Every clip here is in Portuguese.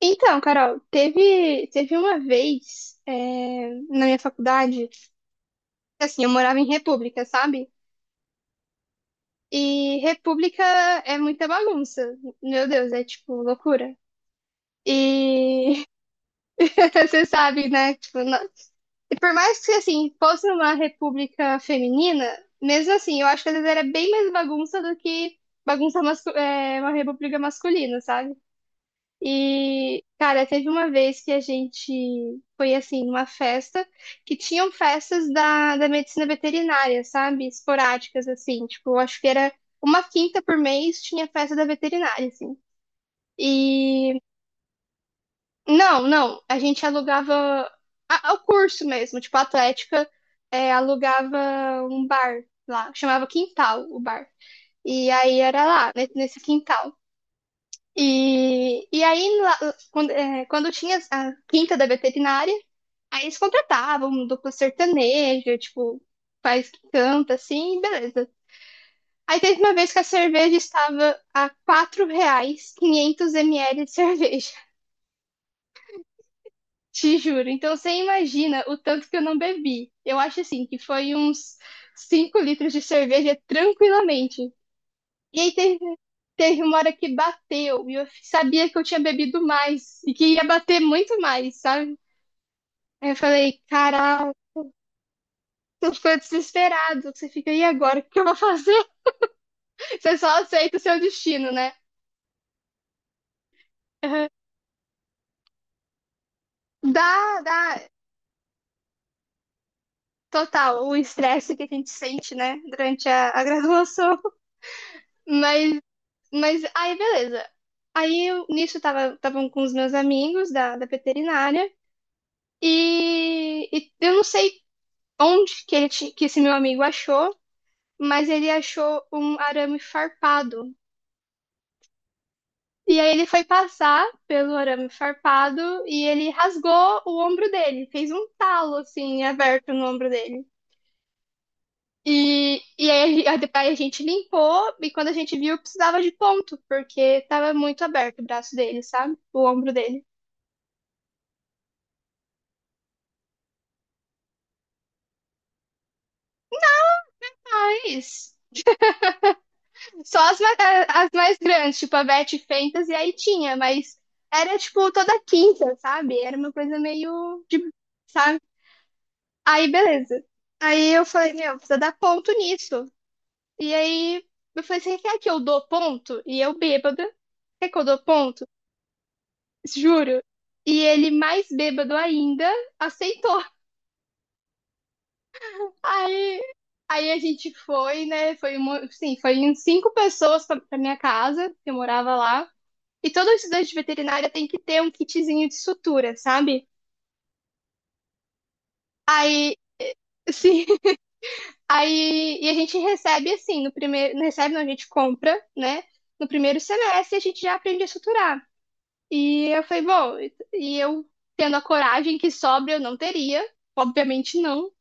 Então, Carol, teve uma vez na minha faculdade, assim, eu morava em República, sabe? E República é muita bagunça. Meu Deus, é tipo loucura. E você sabe, né? Tipo, e por mais que assim, fosse uma república feminina, mesmo assim, eu acho que às vezes era bem mais bagunça do que uma república masculina, sabe? E, cara, teve uma vez que a gente foi assim, numa festa que tinham festas da medicina veterinária, sabe? Esporádicas, assim, tipo, eu acho que era uma quinta por mês tinha festa da veterinária, assim. E não, não, a gente alugava o curso mesmo, tipo, a Atlética alugava um bar lá, chamava Quintal o bar. E aí era lá, nesse quintal. E aí, quando tinha a quinta da veterinária, aí eles contratavam um duplo sertanejo, tipo, faz que canta assim, beleza. Aí teve uma vez que a cerveja estava a R$ 4, 500 ml de cerveja, te juro. Então você imagina o tanto que eu não bebi. Eu acho assim que foi uns 5 litros de cerveja tranquilamente. E aí teve uma hora que bateu, e eu sabia que eu tinha bebido mais, e que ia bater muito mais, sabe? Aí eu falei, caralho, tu ficou desesperado, você fica, e agora, o que eu vou fazer? Você só aceita o seu destino, né? Uhum. Dá, dá, total, o estresse que a gente sente, né, durante a graduação, mas, mas aí beleza. Aí eu, nisso tava, estavam com os meus amigos da veterinária, e eu não sei onde que esse meu amigo achou, mas ele achou um arame farpado. E aí ele foi passar pelo arame farpado e ele rasgou o ombro dele, fez um talo assim, aberto no ombro dele. E aí, aí a gente limpou, e quando a gente viu, precisava de ponto, porque tava muito aberto o braço dele, sabe? O ombro dele. Ah, é isso. Só as mais grandes, tipo a Beth Fentas, e aí tinha, mas era tipo toda quinta, sabe? Era uma coisa meio de, sabe? Aí beleza. Aí eu falei, meu, precisa dar ponto nisso. E aí eu falei, você quer que eu dou ponto? E eu bêbada, quer que eu dou ponto? Juro. E ele mais bêbado ainda aceitou. Aí, aí a gente foi, né? Sim, foi em cinco pessoas pra minha casa, que eu morava lá. E todo estudante de veterinária tem que ter um kitzinho de sutura, sabe? Aí, sim, aí e a gente recebe assim, no primeiro, não recebe, não, a gente compra, né? No primeiro semestre a gente já aprende a suturar. E eu falei, bom, e eu tendo a coragem que sobra eu não teria, obviamente não.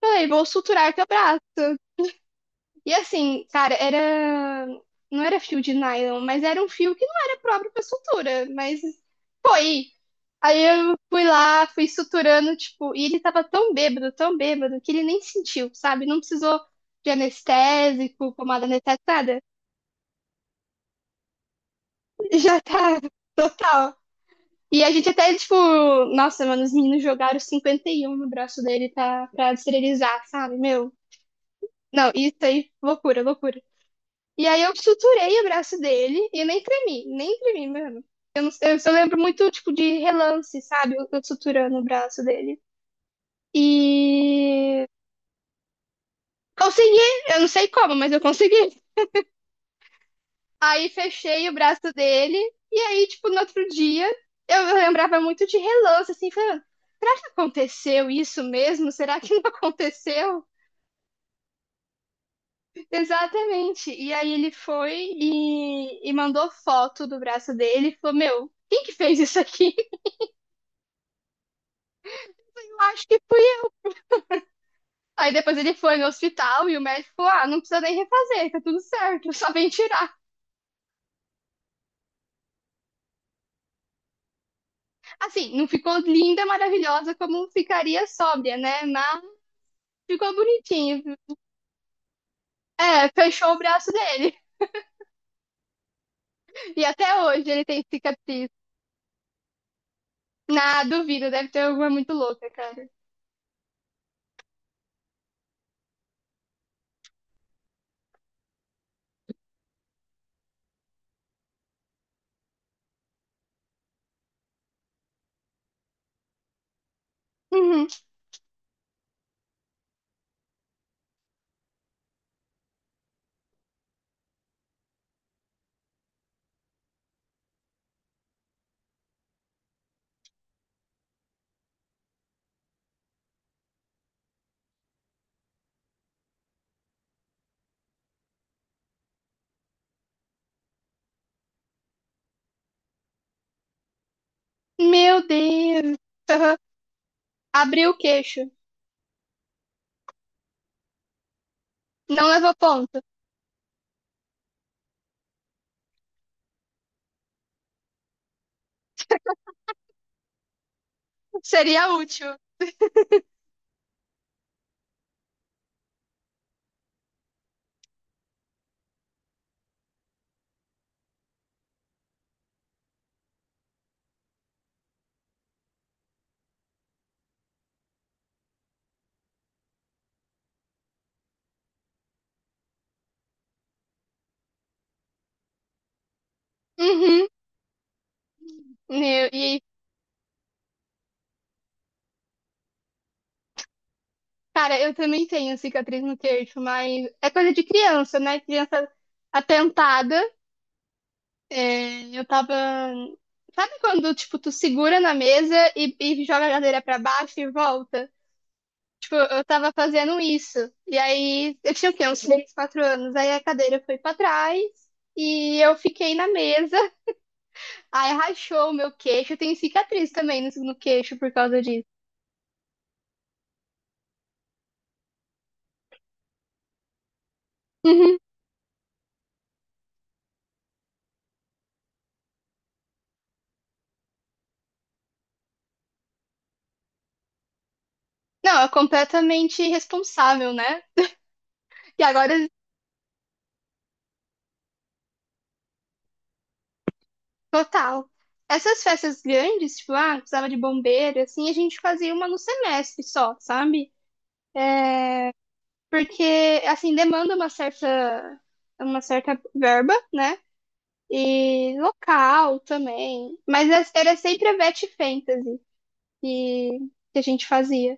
Falei, vou suturar teu braço. E assim, cara, era não era fio de nylon, mas era um fio que não era próprio para sutura, mas foi. Aí eu fui lá, fui suturando, tipo, e ele tava tão bêbado, que ele nem sentiu, sabe? Não precisou de anestésico, pomada anestésica, nada. Já tá total. E a gente até, tipo, nossa, mano, os meninos jogaram 51 no braço dele pra esterilizar, sabe? Meu, não, isso aí, loucura, loucura. E aí eu suturei o braço dele e eu nem tremi, nem tremi, mano. Eu, não, eu só lembro muito, tipo, de relance, sabe? Eu suturando o braço dele. E consegui, eu não sei como, mas eu consegui. Aí fechei o braço dele, e aí, tipo, no outro dia, eu lembrava muito de relance, assim, falando, será que aconteceu isso mesmo? Será que não aconteceu? Exatamente. E aí ele foi e mandou foto do braço dele e falou, meu, quem que fez isso aqui? Eu acho que fui eu. Aí depois ele foi no hospital e o médico falou, ah, não precisa nem refazer, tá tudo certo, só vem tirar. Assim, não ficou linda, maravilhosa como ficaria sóbria, né? Mas ficou bonitinho, viu? É, fechou o braço dele. E até hoje ele tem cicatriz. Na duvida, deve ter alguma muito louca, cara. Uhum. Meu Deus. Aham. Abriu o queixo. Não levou ponto. Seria útil. Uhum. E, cara, eu também tenho cicatriz no queixo, mas é coisa de criança, né? Criança atentada. É, eu tava. Sabe quando, tipo, tu segura na mesa e joga a cadeira pra baixo e volta? Tipo, eu tava fazendo isso. E aí, eu tinha o quê? Uns 3, 4 anos. Aí a cadeira foi pra trás e eu fiquei na mesa. Aí rachou o meu queixo. Eu tenho cicatriz também no queixo por causa disso. Uhum. Não, é completamente irresponsável, né? E agora, total. Essas festas grandes, tipo, ah, precisava de bombeiro, assim, a gente fazia uma no semestre só, sabe? Porque, assim, demanda uma certa verba, né? E local também. Mas era sempre a Betty Fantasy que, que a gente fazia.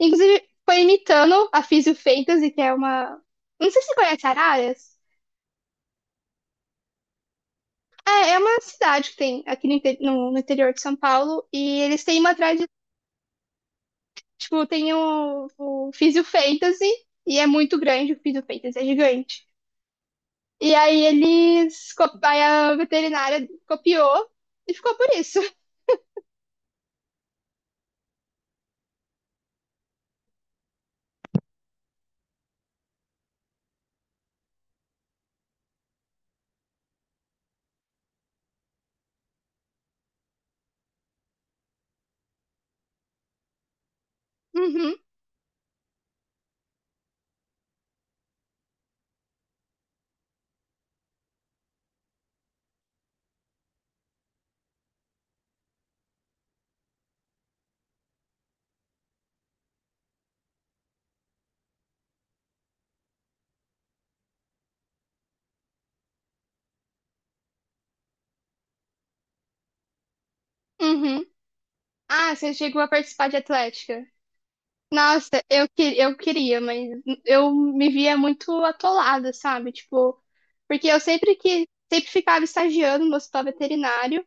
Inclusive, foi imitando a Físio Fantasy, que é uma. Não sei se você conhece Araras. É, é uma cidade que tem aqui no interior de São Paulo. E eles têm uma tradição. Tipo, tem o Físio Fantasy. E é muito grande, o Físio Fantasy é gigante. E aí a veterinária copiou e ficou por isso. Uhum, uhum. Ah, você chegou a participar de atlética? Nossa, eu queria, mas eu me via muito atolada, sabe? Tipo, porque eu sempre ficava estagiando no hospital veterinário.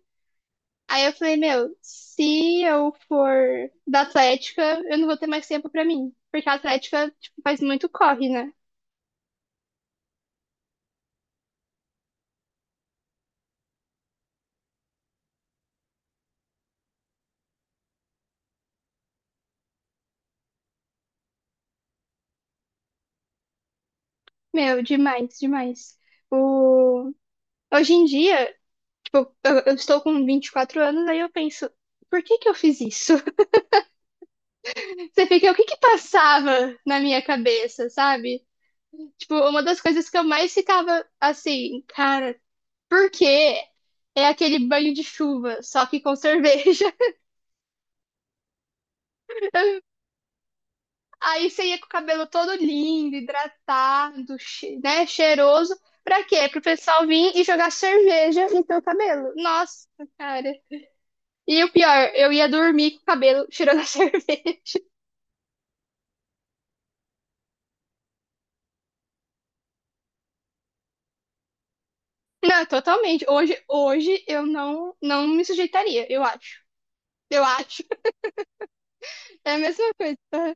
Aí eu falei, meu, se eu for da atlética, eu não vou ter mais tempo pra mim, porque a atlética, tipo, faz muito corre, né? Meu, demais, demais. O... Hoje em dia, tipo, eu estou com 24 anos, aí eu penso, por que que eu fiz isso? Você fica, o que que passava na minha cabeça, sabe? Tipo, uma das coisas que eu mais ficava assim, cara, por quê? É aquele banho de chuva, só que com cerveja. Aí você ia com o cabelo todo lindo, hidratado, cheiroso. Pra quê? Pro pessoal vir e jogar cerveja no teu cabelo. Nossa, cara. E o pior, eu ia dormir com o cabelo cheirando a cerveja. Não, totalmente. Hoje, hoje eu não, não me sujeitaria, eu acho. Eu acho. É a mesma coisa. Aham.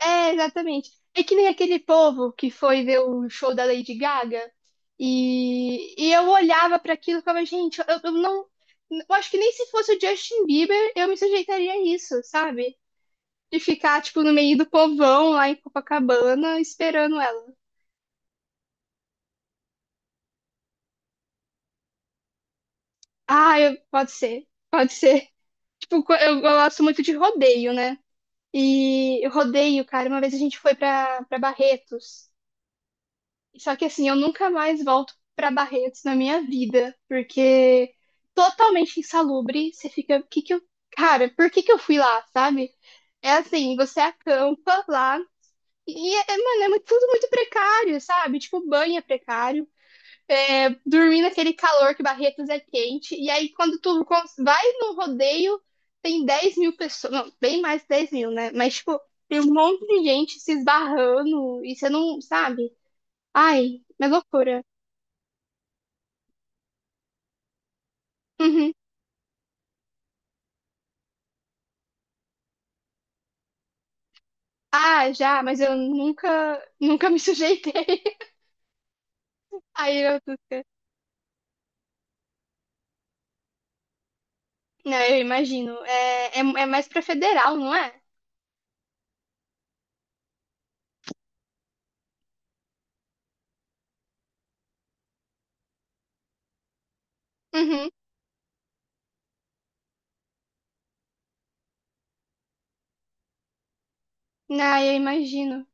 É, exatamente. É que nem aquele povo que foi ver o show da Lady Gaga e eu olhava para aquilo e ficava, gente, eu não. Eu acho que nem se fosse o Justin Bieber eu me sujeitaria a isso, sabe? De ficar, tipo, no meio do povão lá em Copacabana esperando ela. Ah, pode ser, pode ser. Tipo, eu gosto muito de rodeio, né? E rodeio, cara, uma vez a gente foi pra Barretos. Só que assim, eu nunca mais volto pra Barretos na minha vida, porque totalmente insalubre, você fica, que eu, cara, por que que eu fui lá, sabe? É assim, você acampa lá e é, mano, é muito tudo muito precário, sabe? Tipo, banho é precário, dormir naquele calor que Barretos é quente, e aí quando tu vai no rodeio, tem 10 mil pessoas, não, bem mais de 10 mil, né? Mas, tipo, tem um monte de gente se esbarrando e você não, sabe? Ai, mas loucura. Uhum. Ah, já, mas eu nunca, nunca me sujeitei a ir ao Tuca. Não, eu imagino. É mais pra federal, não é? Uhum. Não, eu imagino.